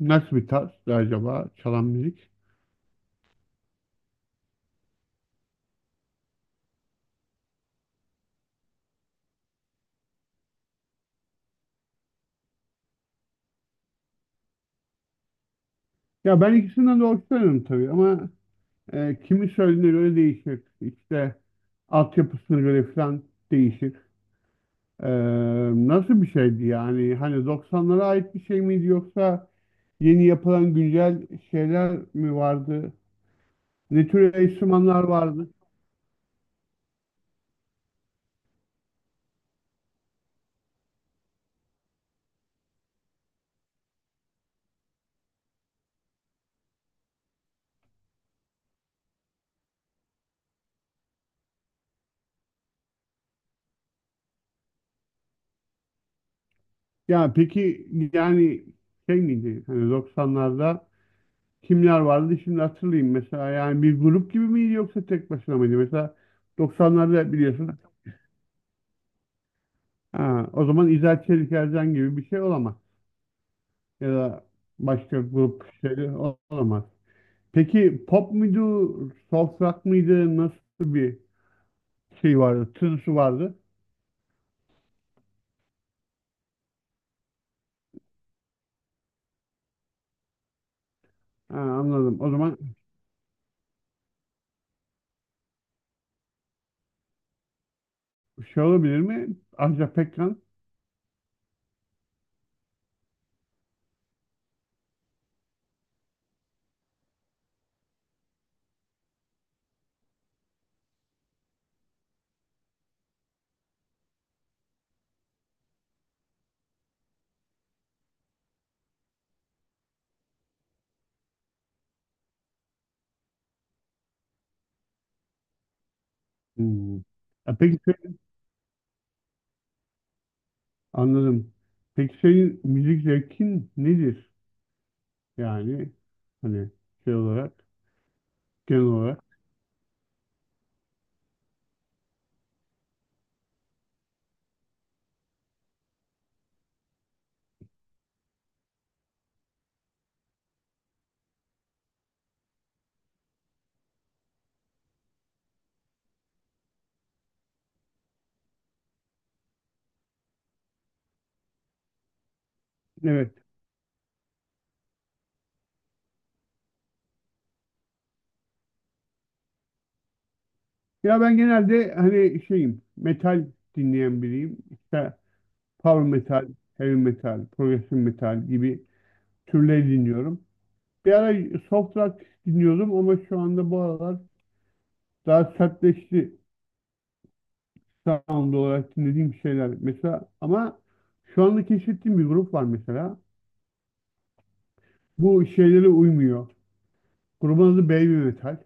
Nasıl bir tarz acaba çalan müzik? Ya ben ikisinden de hoşlanıyorum tabii ama kimi söylediğine göre değişir. İşte altyapısına göre falan değişir. E, Nasıl bir şeydi yani? Hani 90'lara ait bir şey miydi yoksa yeni yapılan güncel şeyler mi vardı? Ne tür enstrümanlar vardı? Ya peki yani şey miydi? Hani 90'larda kimler vardı şimdi hatırlayayım mesela yani bir grup gibi miydi yoksa tek başına mıydı? Mesela 90'larda biliyorsun ha, o zaman İzel Çelik Ercan gibi bir şey olamaz ya da başka grup şeyleri olamaz. Peki pop muydu, soft rock mıydı, nasıl bir şey vardı, tınısı vardı? Ha, anladım. O zaman şey olabilir mi? Ajda Pekkan. Hmm. E, peki sen- anladım. Peki senin müzik zevkin nedir? Yani hani şey olarak. Genel olarak. Evet. Ya ben genelde hani şeyim, metal dinleyen biriyim. İşte power metal, heavy metal, progressive metal gibi türleri dinliyorum. Bir ara soft rock dinliyordum ama şu anda bu aralar daha sertleşti sound olarak dinlediğim şeyler. Mesela ama şu anda keşfettiğim bir grup var mesela. Bu şeylere uymuyor. Grubun adı Baby Metal.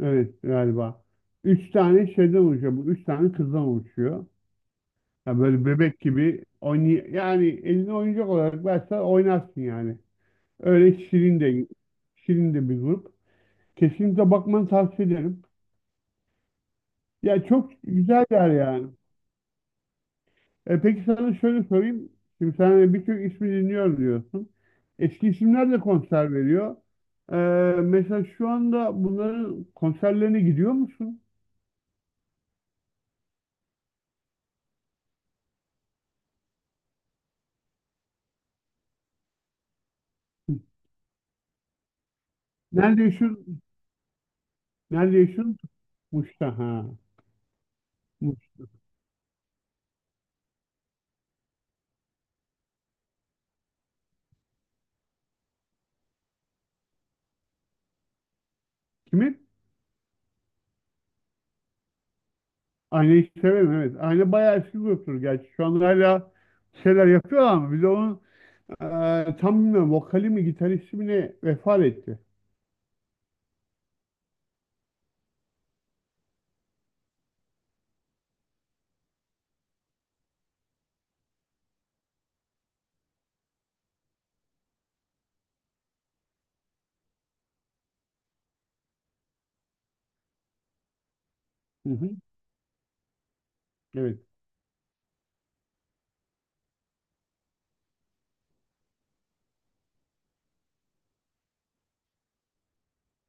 Evet galiba. Üç tane şeyden oluşuyor. Bu üç tane kızdan oluşuyor. Ya böyle bebek gibi oynay yani eline oyuncak olarak versen oynarsın yani. Öyle şirin de bir grup. Kesinlikle bakmanı tavsiye ederim. Ya çok güzeller yani. E peki sana şöyle sorayım. Şimdi sen de birçok ismi dinliyorum diyorsun. Eski isimler de konser veriyor. E, Mesela şu anda bunların konserlerine gidiyor musun? Nerede yaşıyorsun? Nerede yaşıyorsun? Muş'ta ha. Muş. Kimin? Aynayı severim, evet. Ayna bayağı eski gruptur gerçi. Şu anda hala bir şeyler yapıyorlar ama bir de onun tam bilmiyorum vokali mi gitaristi mi ne vefat etti. Hı hı. Evet.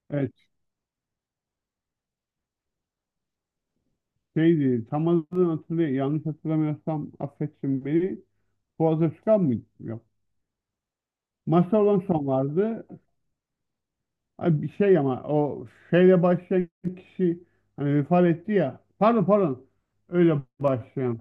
Evet şeydi, tam adını hatırlayayım. Yanlış hatırlamıyorsam affetsin beni. Fuat Özkan mıydı? Yok. Mazhar son vardı. Ay, bir şey ama o şeyle başlayan kişi hani vefat etti ya. Pardon. Öyle başlayan.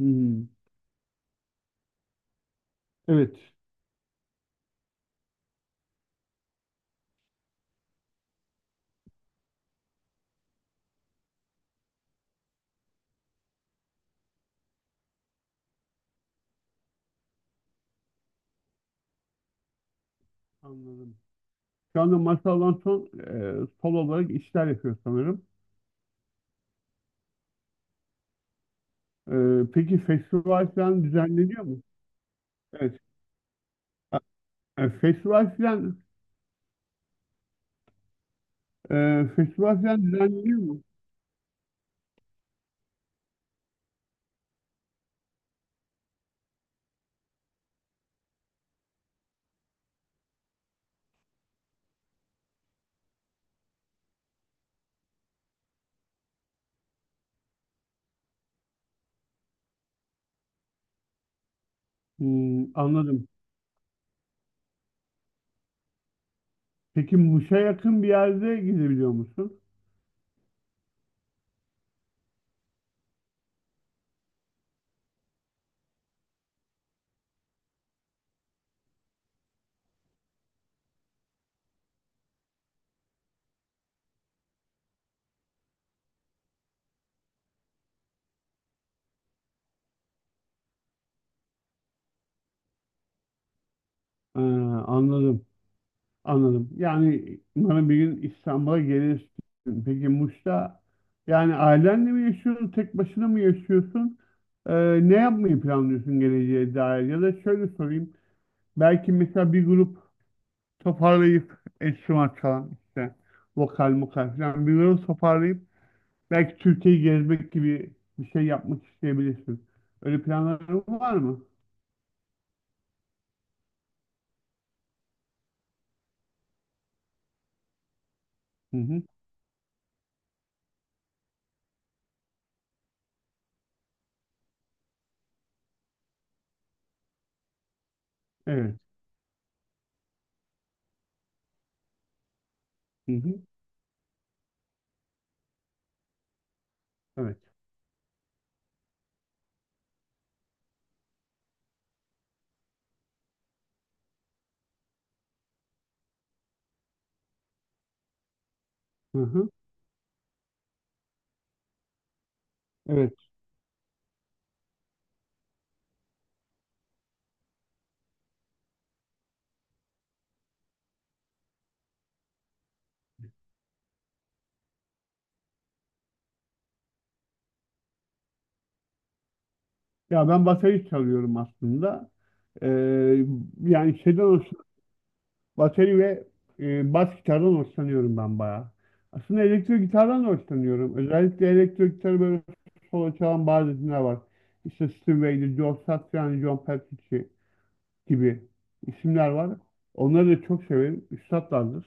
Hı hı. Evet. Anladım. Şu anda Masal'dan son solo olarak işler yapıyor sanırım. E, peki festival falan düzenleniyor mu? Evet. A- e, festival falan festival falan düzenleniyor mu? Hmm, anladım. Peki Muş'a yakın bir yerde gidebiliyor musun? E, Anladım. Anladım. Yani umarım bir gün İstanbul'a gelirsin. Peki Muş'ta yani ailenle mi yaşıyorsun? Tek başına mı yaşıyorsun? E, Ne yapmayı planlıyorsun geleceğe dair? Ya da şöyle sorayım. Belki mesela bir grup toparlayıp enstrüman çalan işte vokal mokal falan bir grup toparlayıp belki Türkiye'yi gezmek gibi bir şey yapmak isteyebilirsin. Öyle planların var mı? Hı hı. Evet. Hı hı. Evet. Hı hı. Evet. Ya ben bateri çalıyorum aslında. Ee, yani şeyden hoşlanıyorum. Bateri ve bas gitardan hoşlanıyorum ben bayağı. Aslında elektro gitardan da hoşlanıyorum. Özellikle elektro gitarı böyle solo çalan bazı isimler var. İşte Steve Vai, Joe Satriani, John Petrucci gibi isimler var. Onları da çok severim. Üstatlardır.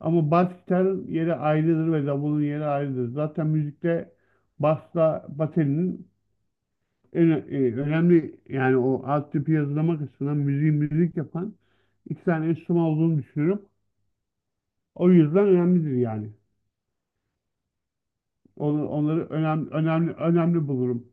Ama bas gitarın yeri ayrıdır ve davulun yeri ayrıdır. Zaten müzikte basla baterinin önemli yani o alt tipi yazılama kısmından müziği müzik yapan iki tane enstrüman olduğunu düşünüyorum. O yüzden önemlidir yani. Onları önemli bulurum.